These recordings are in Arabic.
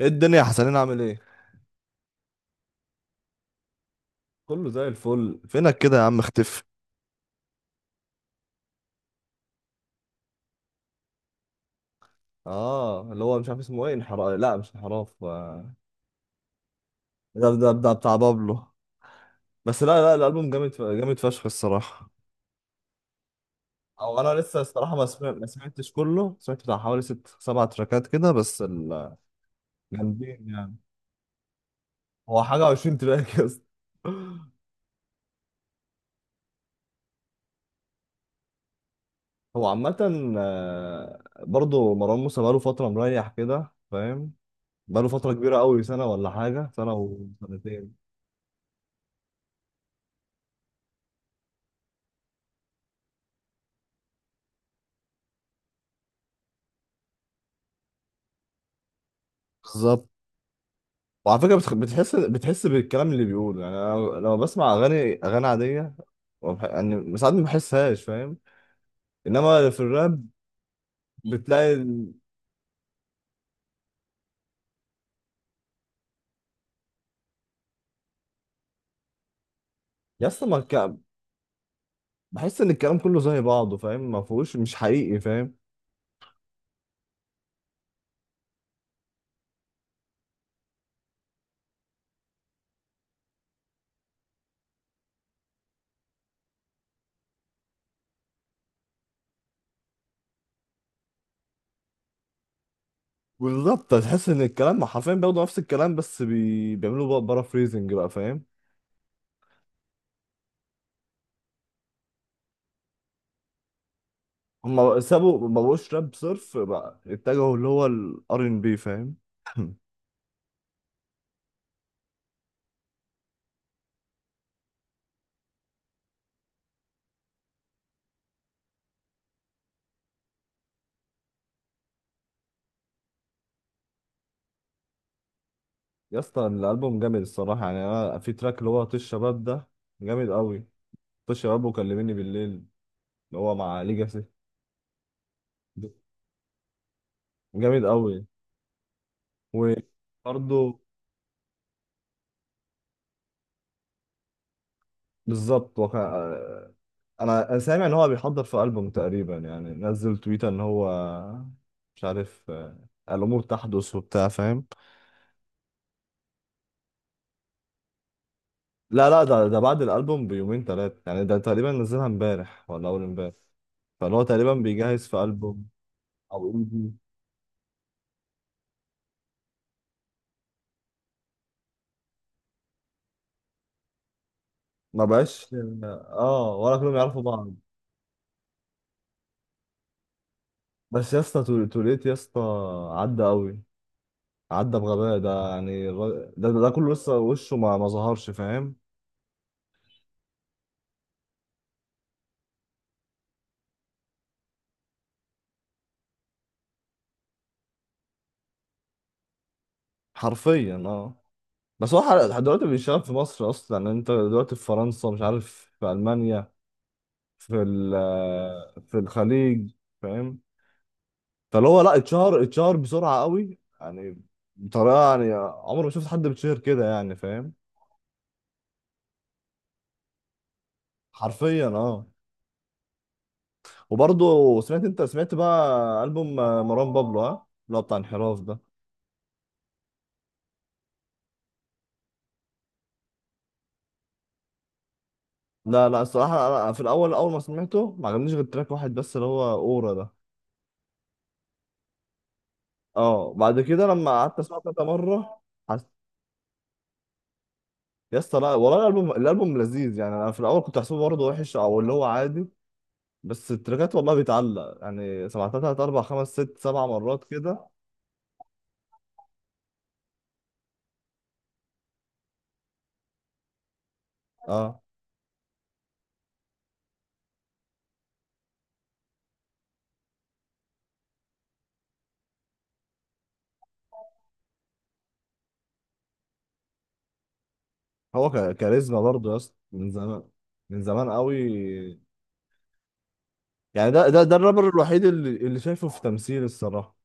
ايه الدنيا يا حسنين؟ عامل ايه؟ كله زي الفل، فينك كده يا عم؟ اختفي. اه اللي هو مش عارف اسمه ايه، انحراف، لا مش انحراف. ده بتاع بابلو. بس لا لا الالبوم جامد، جامد فشخ الصراحه. او انا لسه الصراحه ما سمعتش كله، سمعت بتاع حوالي 6 7 تراكات كده بس، الجامدين يعني. هو حاجه 20 تراك يا اسطى. هو عامه، برضه مروان موسى بقاله فتره مريح كده فاهم، بقاله فتره كبيره قوي، سنه ولا حاجه، سنه وسنتين. بالظبط. وعلى فكرة بتحس بالكلام اللي بيقوله، يعني أنا لما بسمع أغاني عادية يعني ساعات ما بحسهاش فاهم، إنما في الراب بتلاقي يا اسطى ما الك- بحس إن الكلام كله زي بعضه فاهم، ما فيهوش، مش حقيقي فاهم. بالظبط، تحس إن الكلام حرفيا بياخدوا نفس الكلام، بس بيعملوا بقى فريزنج بقى فاهم. هما سابوا، ما بقوش راب صرف بقى، اتجهوا اللي هو الار ان بي فاهم. يا اسطى الألبوم جامد الصراحة، يعني أنا في تراك اللي هو طيش الشباب ده، جامد قوي. شباب وكلميني بالليل اللي هو مع ليجاسي، جامد قوي وبرضه. بالظبط انا سامع ان هو بيحضر في ألبوم تقريبا، يعني نزل تويتر ان هو مش عارف الامور تحدث وبتاع فاهم. لا لا ده بعد الألبوم بيومين 3 يعني، ده تقريبا نزلها امبارح ولا اول امبارح، فاللي هو تقريبا بيجهز في ألبوم او EP. ما بقاش، اه، ولا كلهم يعرفوا بعض. بس يا اسطى، توليت يا اسطى عدى قوي، عدى بغباء ده، يعني ده كله لسه وشه ما ظهرش فاهم. حرفيا اه. بس هو لحد دلوقتي بيشتغل في مصر اصلا، يعني انت دلوقتي في فرنسا، مش عارف في المانيا، في في الخليج فاهم. فاللي هو لا، اتشهر بسرعه قوي يعني، بطريقه يعني، عمري ما شفت حد بيتشهر كده يعني فاهم. حرفيا اه. وبرضه انت سمعت بقى البوم مروان بابلو، ها، اللي هو بتاع انحراف ده. لا لا الصراحة أنا في الأول، أول ما سمعته ما عجبنيش غير تراك واحد بس، اللي هو أورا ده. أه بعد كده لما قعدت أسمعه كذا مرة. حس... يا اسطى لا والله، الألبوم لذيذ، يعني أنا في الأول كنت حاسبه برضه وحش، أو اللي هو عادي، بس التراكات والله بيتعلق، يعني سمعتها 3 4 5 6 7 مرات كده. أه، هو كاريزما برضه يا اسطى، من زمان، من زمان قوي، يعني ده الرابر الوحيد اللي شايفه في تمثيل الصراحة.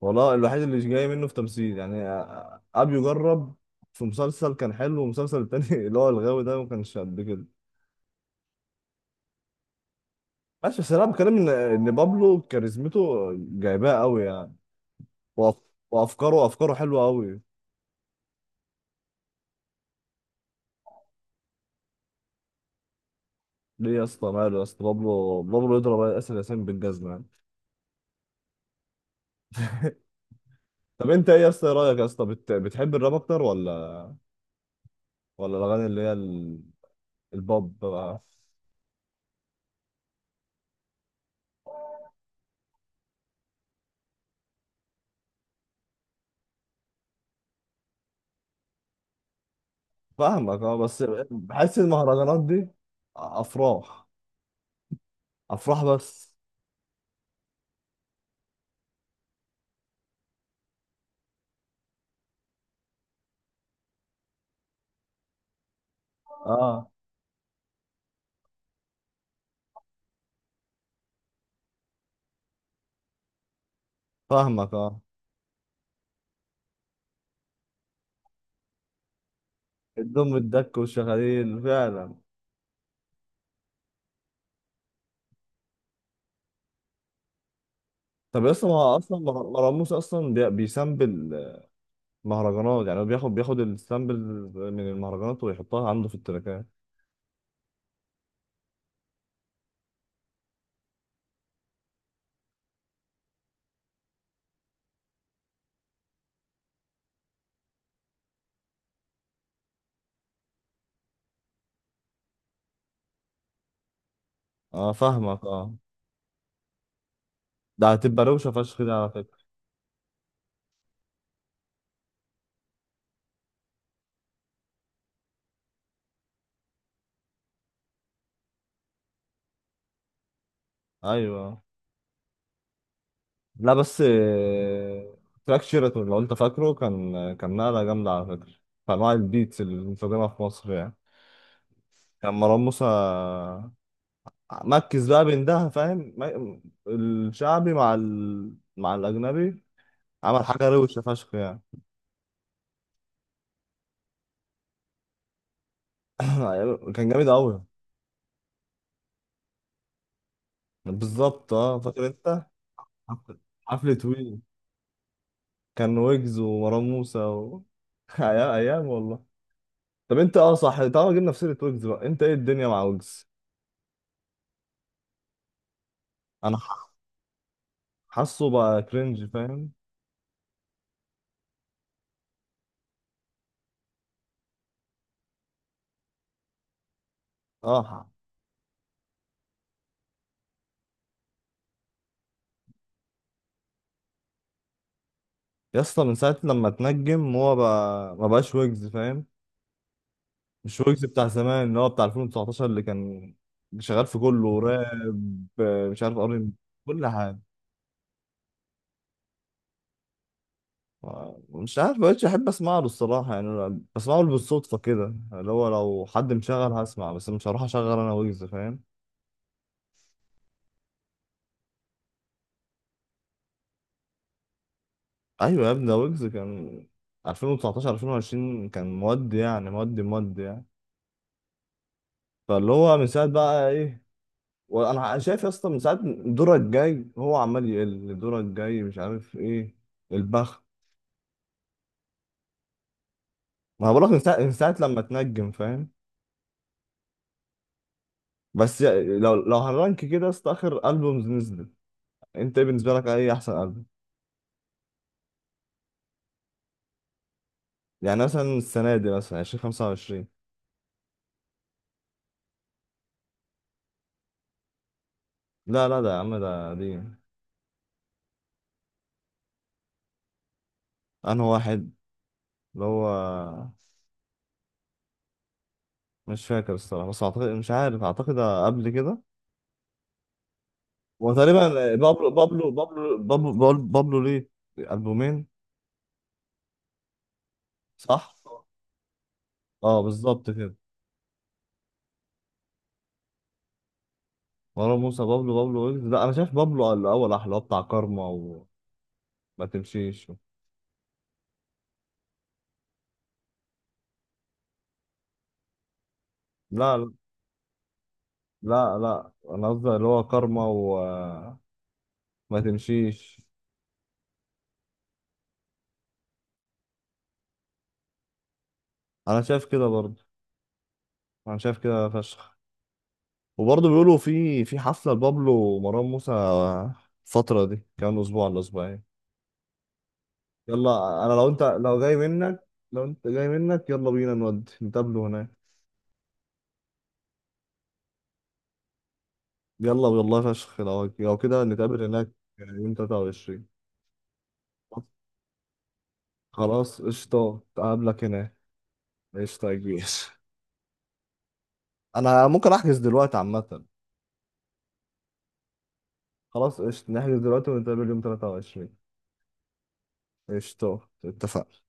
والله الوحيد اللي مش جاي منه في تمثيل يعني، ابيو جرب في مسلسل كان حلو، والمسلسل التاني اللي هو الغاوي ده، ما كانش قد كده. ماشي بس انا بتكلم ان بابلو كاريزمته جايباه قوي يعني. وأف... وافكاره، افكاره حلوه قوي. ليه يا اسطى؟ ماله يا اسطى؟ بابلو يضرب اسر ياسين بالجزمه يعني. طب انت ايه يا اسطى، إيه رايك يا اسطى، بتحب الراب اكتر ولا، ولا الاغاني اللي هي البوب بقى؟ فاهمك اه، بس بحس المهرجانات دي افراح، افراح بس. اه فاهمك اه. الدم الدك والشغاليل فعلا. طب اصلا، ما هو اصلا مروان موسى اصلا بيسامبل مهرجانات يعني، هو بياخد السامبل من المهرجانات ويحطها عنده في التراكات. اه فاهمك اه. ده هتبقى روشه فشخ كده على فكره. ايوه، لا بس، تراك شيراتون لو انت فاكره، كان نقله جامده على فكره في انواع البيتس اللي مستخدمها في مصر يعني. كان مروان موسى مركز بقى بين ده فاهم، الشعبي مع مع الاجنبي، عمل حاجة روشة فشخ يعني. كان جامد أوي. بالظبط اه، فاكر أنت؟ حفلة حفلة وي، كان ويجز ومروان موسى أيام أيام والله. طب أنت اه صح، طالما جبنا في سيرة ويجز بقى، أنت إيه الدنيا مع ويجز؟ أنا حاسه بقى كرنج فاهم؟ اه يا اسطى من ساعة لما اتنجم هو بقى ما بقاش ويجز فاهم؟ مش ويجز بتاع زمان اللي هو بتاع 2019، اللي كان شغال في كله راب، مش عارف كل حاجة مش عارف. مبقتش احب اسمع له الصراحه، يعني أنا بسمعه بالصدفه كده، اللي هو لو حد مشغل هسمع، بس مش هروح اشغل انا ويجز فاهم. ايوه يا ابني، ده ويجز كان 2019 2020، كان مودي يعني، مودي مودي يعني. فاللي هو من ساعه بقى ايه، وانا شايف يا اسطى من ساعه، دورك الجاي، هو عمال يقل دورك الجاي، مش عارف ايه البخت. ما هو بقولك، من ساعة لما تنجم فاهم. بس لو هنرانك كده يا اسطى، اخر البومز نزلت، انت ايه بالنسبه لك، ايه احسن؟ يعني مثلا السنة دي، مثلا 20 25. لا لا ده يا عم، ده دي أنا واحد اللي هو مش فاكر الصراحة، بس أعتقد، مش عارف، أعتقد قبل كده. وتقريبا بابلو ليه ألبومين صح؟ اه بالظبط كده. مروان موسى، بابلو ويجز، لا أنا شايف بابلو الأول أحلى، اللي هو بتاع كارما وما تمشيش. لا لا لا أنا قصدي اللي هو كارما وما تمشيش. أنا شايف كده برضه، أنا شايف كده فشخ. وبرضه بيقولوا في حفلة لبابلو ومروان موسى الفترة دي، كمان أسبوع ولا أسبوعين. يلا أنا لو جاي منك، لو أنت جاي منك، يلا بينا نودي نتقابله هناك. يلا والله فشخ، لو كده نتقابل هناك، يعني يوم 23. خلاص قشطة، أقابلك هناك. قشطة يا كبير. أنا ممكن أحجز دلوقتي عامة. خلاص قشطة، نحجز دلوقتي ونتقابل يوم 23. قشطة اتفقنا.